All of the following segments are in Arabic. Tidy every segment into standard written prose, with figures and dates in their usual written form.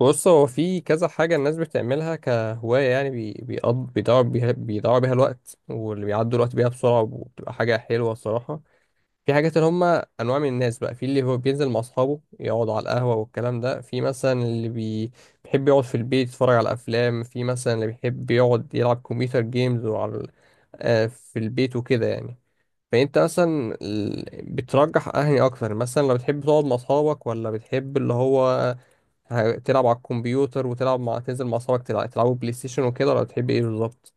بص هو في كذا حاجة الناس بتعملها كهواية يعني بيضيعوا بيها الوقت، واللي بيعدوا الوقت بيها بسرعة وبتبقى حاجة حلوة الصراحة. في حاجات اللي هم أنواع من الناس بقى، في اللي هو بينزل مع أصحابه يقعد على القهوة والكلام ده، في مثلا اللي بيحب يقعد في البيت يتفرج على أفلام، في مثلا اللي بيحب يقعد يلعب كمبيوتر جيمز وعلى ال- آه، في البيت وكده يعني. فأنت مثلا بترجح أنهي أكتر؟ مثلا لو بتحب تقعد مع أصحابك ولا بتحب اللي هو هتلعب على الكمبيوتر وتلعب مع تنزل مع اصحابك تلعبوا بلاي ستيشن وكده، ولا بتحب ايه بالظبط؟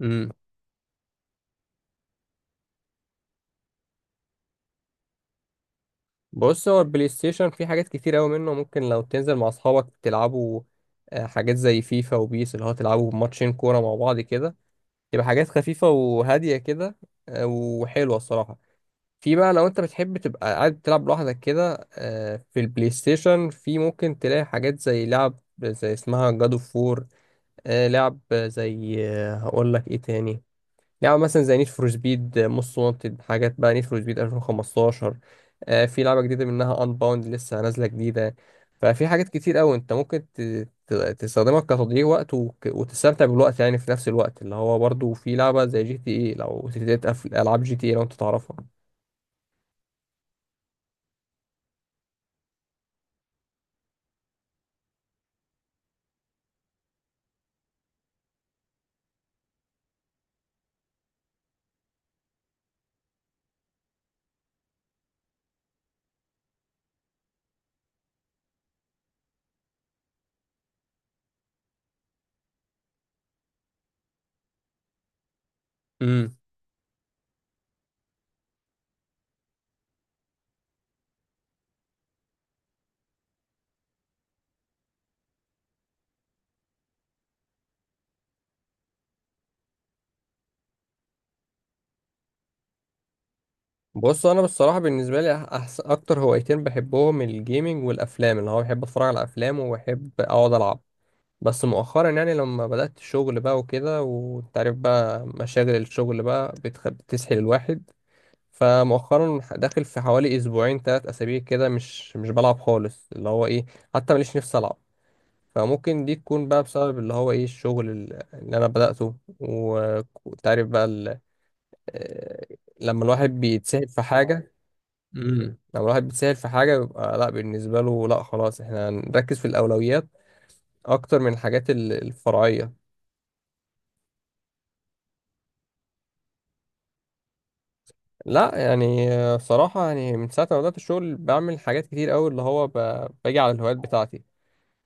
امم. بص، هو البلاي ستيشن فيه حاجات كتير قوي منه. ممكن لو تنزل مع اصحابك تلعبوا حاجات زي فيفا وبيس، اللي هو تلعبوا ماتشين كوره مع بعض كده، تبقى حاجات خفيفه وهاديه كده، وحلوه الصراحه. في بقى لو انت بتحب تبقى قاعد تلعب لوحدك كده، في البلاي ستيشن في ممكن تلاقي حاجات زي لعب زي اسمها جاد اوف وور، لعب زي هقول لك ايه تاني، لعبة مثلا زي نيد فور سبيد موست وانتد، حاجات بقى نيد فور سبيد 2015 ، في لعبة جديدة منها انباوند لسه نازلة جديدة. ففي حاجات كتير قوي انت ممكن تستخدمها كتضييع وقت وتستمتع بالوقت يعني في نفس الوقت، اللي هو برضو في لعبة زي جي تي اي، لو تتابع في العاب جي تي اي لو انت تعرفها. امم. بص، انا بالصراحة بالنسبة لي أحسن اكتر هوايتين بحبهم الجيمنج والافلام، اللي هو بحب اتفرج على افلام وبحب اقعد العب. بس مؤخرا يعني لما بدأت الشغل بقى وكده، وانت عارف بقى مشاغل الشغل بقى بتسحل الواحد. فمؤخرا داخل في حوالي اسبوعين ثلاث اسابيع كده مش بلعب خالص، اللي هو ايه، حتى ماليش نفسي العب. فممكن دي تكون بقى بسبب اللي هو ايه الشغل اللي انا بدأته وانت عارف بقى آه، لما الواحد بيتسحل في حاجة. امم. لما الواحد بيتسهل في حاجة بيبقى، لا بالنسبة له، لا خلاص احنا هنركز في الأولويات أكتر من الحاجات الفرعية. لا يعني، بصراحة يعني من ساعة ما بدأت الشغل بعمل حاجات كتير أوي، اللي هو باجي على الهوايات بتاعتي.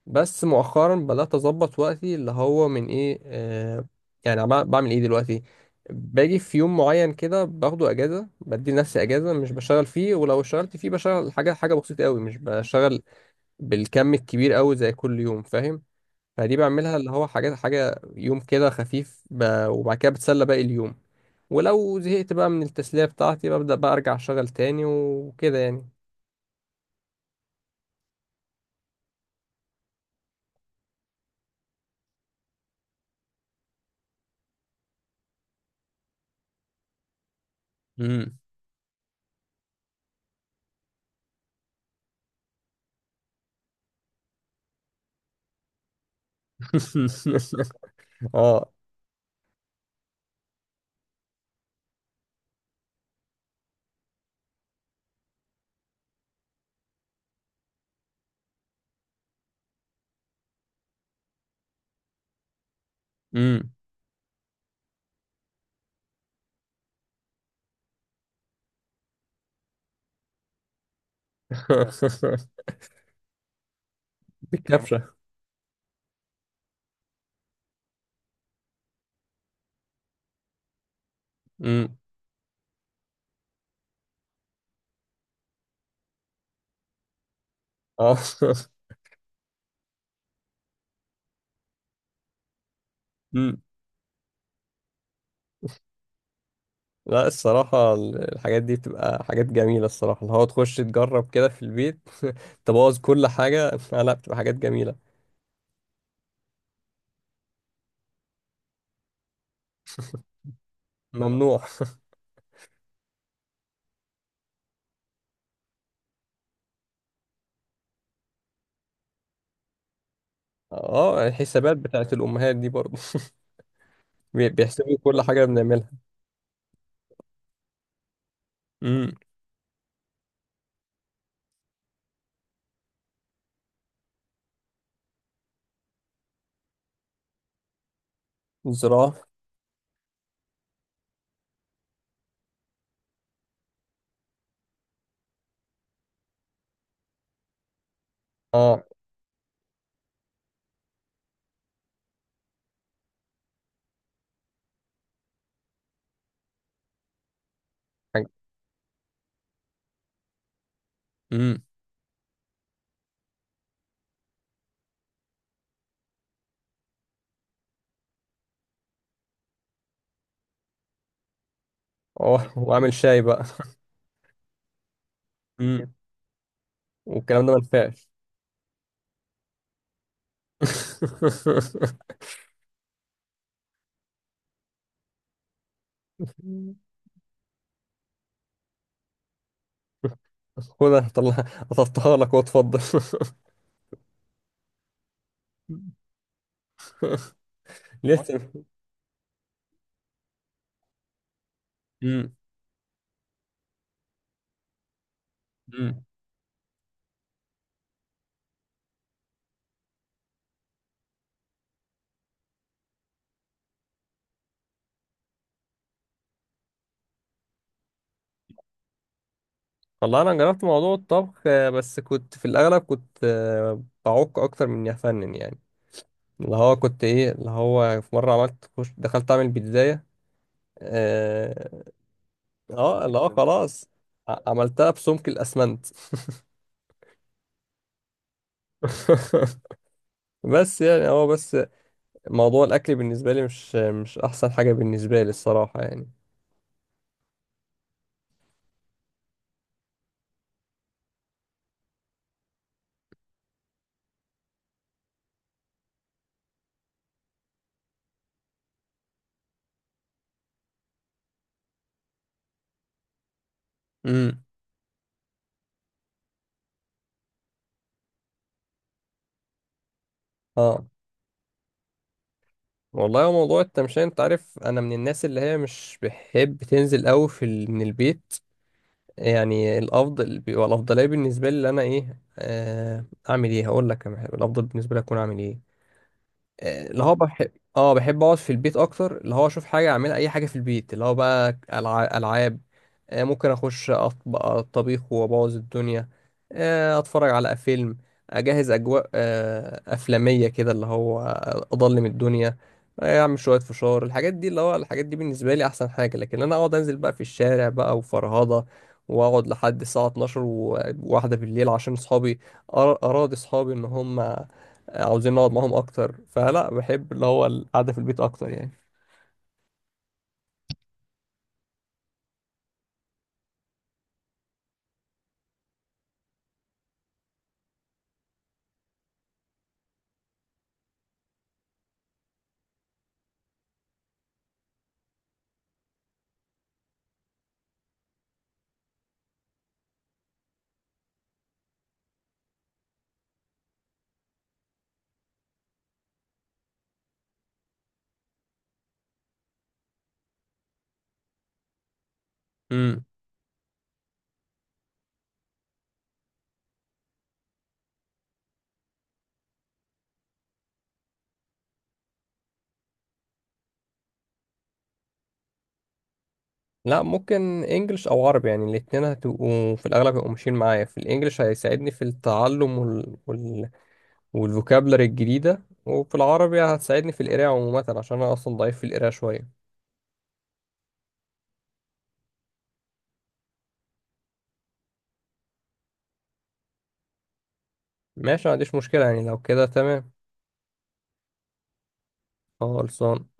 بس مؤخرا بدأت أظبط وقتي اللي هو من إيه يعني بعمل إيه دلوقتي؟ باجي في يوم معين كده باخده أجازة، بدي لنفسي أجازة مش بشتغل فيه، ولو اشتغلت فيه بشتغل حاجة بسيطة أوي، مش بشتغل بالكم الكبير أوي زي كل يوم، فاهم؟ فدي بعملها اللي هو حاجات، حاجة يوم كده خفيف وبعد كده بتسلى باقي اليوم. ولو زهقت بقى من التسلية بتاعتي ببدأ بقى أرجع أشتغل تاني وكده يعني. امم. اه. امم. بالكبشة. امم. اه. امم. لا، الصراحة الحاجات دي بتبقى حاجات جميلة الصراحة، اللي هو تخش تجرب كده في البيت تبوظ كل حاجة. لا، بتبقى حاجات جميلة. ممنوع. اه، الحسابات بتاعت الأمهات دي برضه. بيحسبوا كل حاجة بنعملها. امم. الزراعة. اه. حاجة- امم. اه وأعمل شاي. بقى والكلام ده ما نفعش. خد، انا هطلعها لك واتفضل. لسه. امم. امم. والله انا جربت موضوع الطبخ، بس كنت في الاغلب كنت، بعك اكتر من افنن يعني. اللي هو كنت ايه، اللي هو في مره عملت خش دخلت اعمل بيتزاية. اه. اللي هو خلاص، عملتها بسمك الاسمنت. بس يعني هو بس موضوع الاكل بالنسبه لي مش احسن حاجه بالنسبه لي الصراحه يعني. امم. اه، والله هو موضوع التمشية، انت عارف انا من الناس اللي هي مش بحب تنزل قوي من البيت. يعني الافضل بيبقى، الافضليه بالنسبه لي اللي انا ايه اعمل ايه، هقول لك أنا الافضل بالنسبه لي اكون اعمل ايه، اللي هو طب بحب، اه بحب اقعد في البيت اكتر، اللي هو اشوف حاجه اعملها اي حاجه في البيت، اللي هو بقى العاب، ممكن اخش اطبخ الطبيخ وابوظ الدنيا، اتفرج على فيلم، اجهز اجواء، افلاميه كده، اللي هو اضلم الدنيا، اعمل شويه فشار، الحاجات دي، اللي هو الحاجات دي بالنسبه لي احسن حاجه. لكن انا اقعد انزل بقى في الشارع بقى وفرهضه، واقعد لحد الساعه 12 وواحده بالليل عشان اصحابي أرا- اراضي اصحابي ان هم عاوزين نقعد معاهم اكتر، فلا، بحب اللي هو القعده في البيت اكتر يعني. امم. لا، ممكن انجلش او عربي، يعني الاتنين هتبقوا في الاغلب، هيبقوا ماشيين معايا، في الانجليش هيساعدني في التعلم والفوكابلري الجديده، وفي العربي هتساعدني في القراءه عموما، عشان انا اصلا ضعيف في القراءه شويه. ماشي، ما عنديش مشكله، يعني لو كده تمام. خلصان.